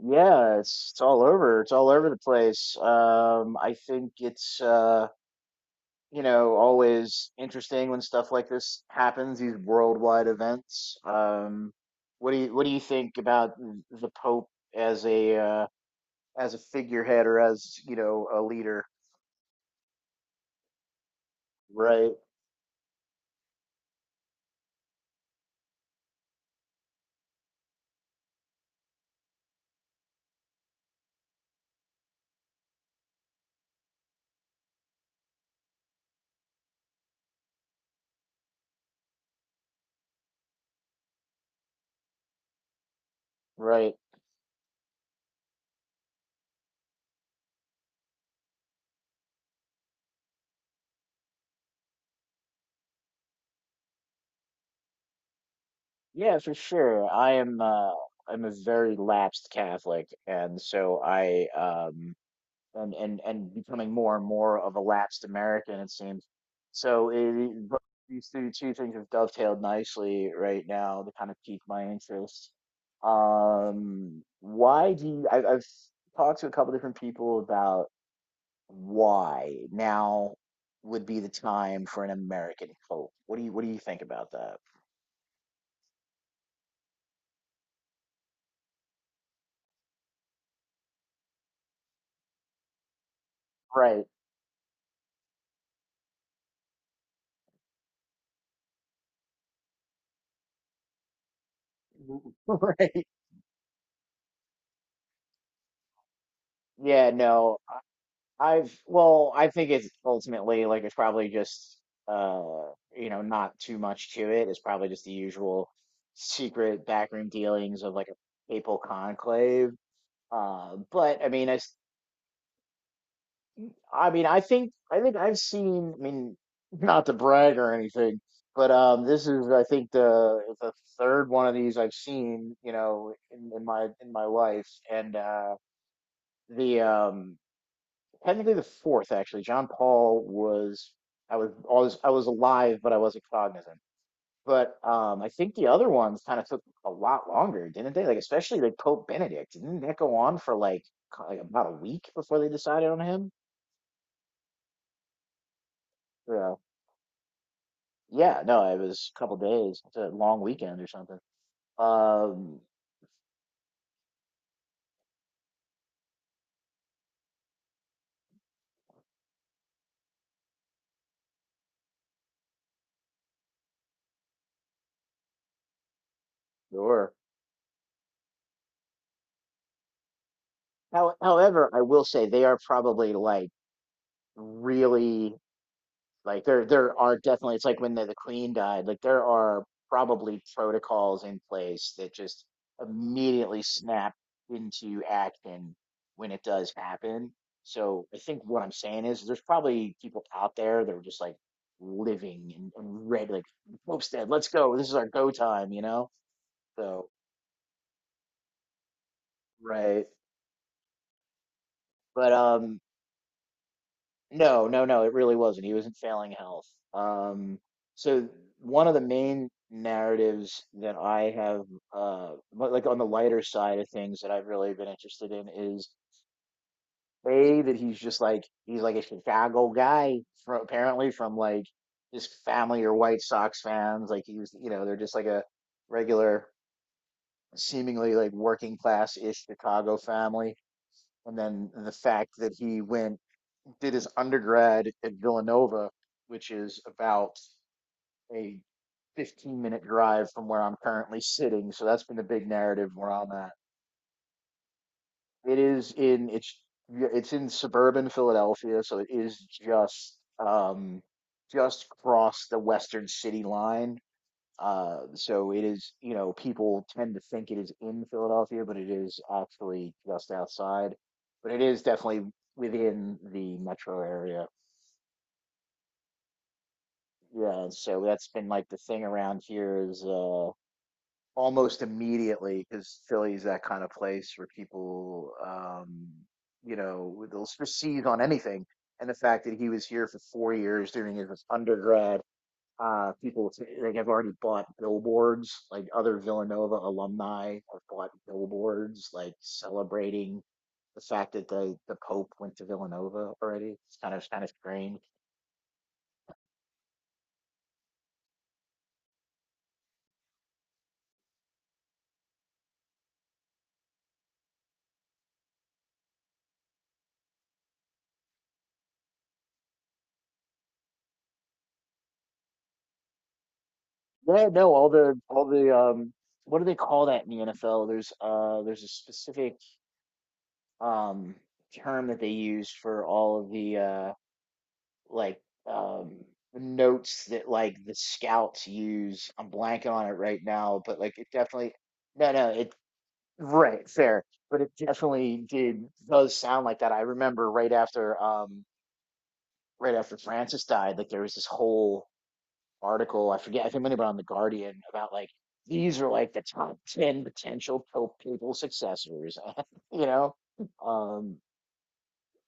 Yeah, it's all over. It's all over the place. I think it's always interesting when stuff like this happens, these worldwide events. What do you think about the Pope as a uh, as a figurehead or as a leader? Right, right. Yeah, for sure. I'm a very lapsed Catholic, and so I and becoming more and more of a lapsed American, it seems. But these two things have dovetailed nicely right now to kind of pique my interest. Why do you, I, I've talked to a couple different people about why now would be the time for an American hope. What do you think about that? Right. Right. Yeah, no. I think it's ultimately like it's probably just uh not too much to it. It's probably just the usual secret backroom dealings of like a papal conclave. But I mean, I s- I mean, I think I've seen. I mean, not to brag or anything, but this is I think the third one of these I've seen. You know, in my life, and the technically the fourth, actually. John Paul was I was alive, but I wasn't cognizant. But I think the other ones kind of took a lot longer, didn't they? Like especially like Pope Benedict, didn't that go on for like like about a week before they decided on him? Yeah, yeah, no, it was a couple days. It's a long weekend or something. Um, sure. However, I will say they are probably like really. Like there are definitely it's like when the queen died, like there are probably protocols in place that just immediately snap into action when it does happen. So I think what I'm saying is there's probably people out there that are just like living and ready, like Homestead, let's go. This is our go time, you know? So right. But no, no, no, it really wasn't. He was in failing health. Um, so one of the main narratives that I have, but, like on the lighter side of things that I've really been interested in is A, that he's just like, he's like a Chicago guy from apparently from like his family or White Sox fans. Like he was, you know, they're just like a regular, seemingly like working class-ish Chicago family. And then the fact that he went did his undergrad at Villanova, which is about a 15-minute drive from where I'm currently sitting. So that's been the big narrative where I'm at. It is in it's yeah, it's in suburban Philadelphia, so it is um just across the western city line. So it is, you know, people tend to think it is in Philadelphia, but it is actually just outside. But it is definitely within the metro area. Yeah, so that's been like the thing around here is almost immediately because Philly's that kind of place where people you know seize on anything. And the fact that he was here for 4 years during his undergrad, like have already bought billboards, like other Villanova alumni have bought billboards like celebrating the fact that the Pope went to Villanova already. It's kind of strange. Yeah, no, all the what do they call that in the NFL? There's a specific um term that they use for all of the like um notes that like the scouts use. I'm blanking on it right now, but like it definitely. No no it Right, fair, but it definitely did does sound like that. I remember right after right after Francis died, like there was this whole article. I forget. I think maybe on the Guardian about like these are like the top ten potential Pope papal successors. you know, um,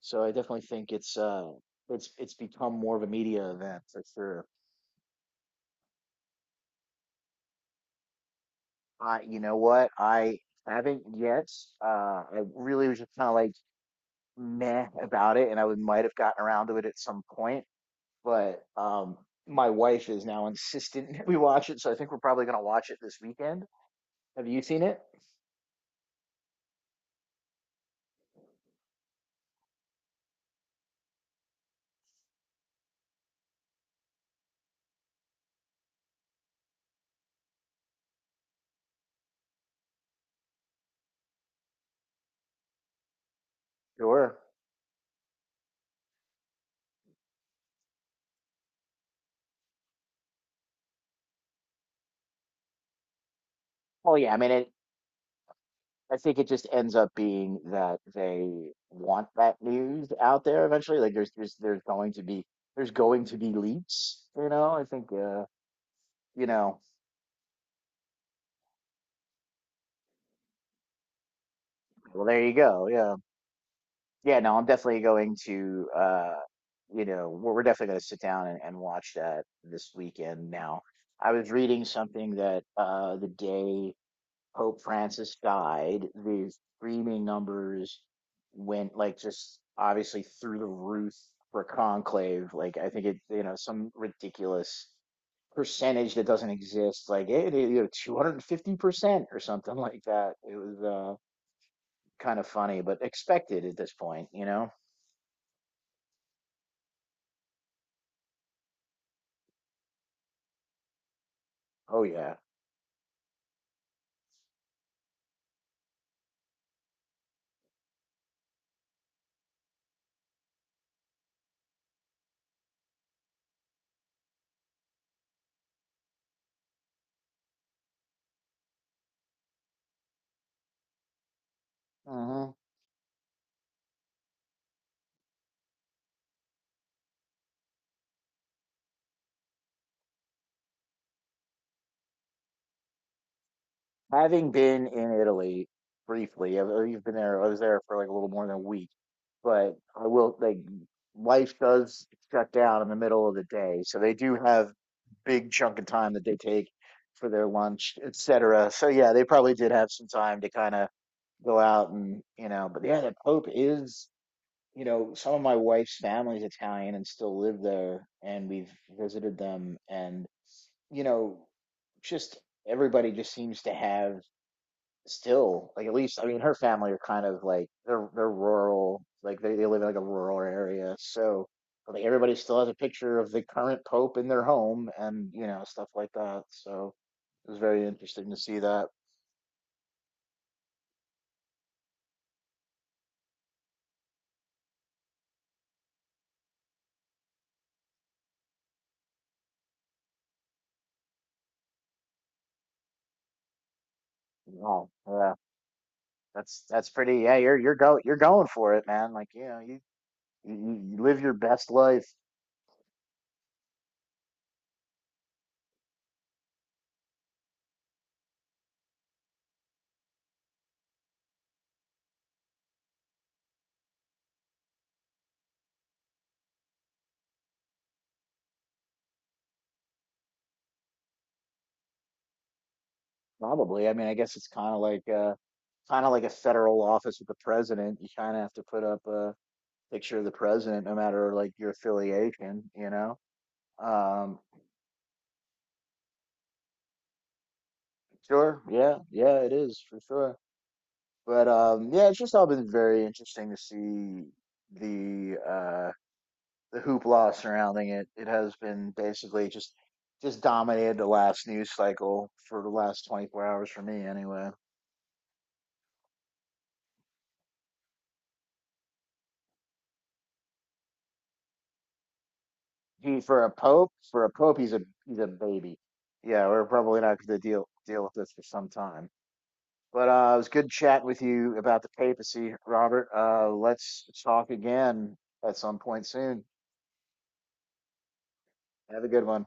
so I definitely think it's become more of a media event for sure. I, you know what, I haven't yet. I really was just kind of like meh about it, and I would might have gotten around to it at some point, but. My wife is now insistent we watch it, so I think we're probably going to watch it this weekend. Have you seen it? Sure. Well, yeah, I mean, it, I think it just ends up being that they want that news out there eventually. Like there's going to be there's going to be leaks, you know. I think you know. Well, there you go. Yeah, yeah. No, I'm definitely going to you know, we're definitely going to sit down and watch that this weekend. Now, I was reading something that the day Pope Francis died, the streaming numbers went like just obviously through the roof for Conclave. Like I think it, you know, some ridiculous percentage that doesn't exist. Like you know, 250% or something like that. It was kind of funny, but expected at this point, you know. Oh yeah. Hmm. Having been in Italy briefly, I've been there. I was there for like a little more than a week, but I will like life does shut down in the middle of the day, so they do have big chunk of time that they take for their lunch, etc. So yeah, they probably did have some time to kind of go out and you know. But yeah, the Pope is you know some of my wife's family's Italian and still live there, and we've visited them, and you know just everybody just seems to have still like at least I mean her family are kind of like they're rural like they live in like a rural area so like everybody still has a picture of the current pope in their home and you know stuff like that so it was very interesting to see that. Oh yeah, that's pretty, yeah, you're going for it, man, like you know you, you live your best life. Probably, I mean, I guess it's kind of like a federal office with the president. You kind of have to put up a picture of the president, no matter like your affiliation, you know? Um, sure, yeah, yeah, it is for sure. But yeah, it's just all been very interesting to see the uh the hoopla surrounding it. It has been basically just dominated the last news cycle for the last 24 hours for me anyway. He For a pope, for a pope, he's a baby. Yeah, we're probably not going to deal with this for some time. But it was good chatting with you about the papacy, Robert. Let's talk again at some point soon. Have a good one.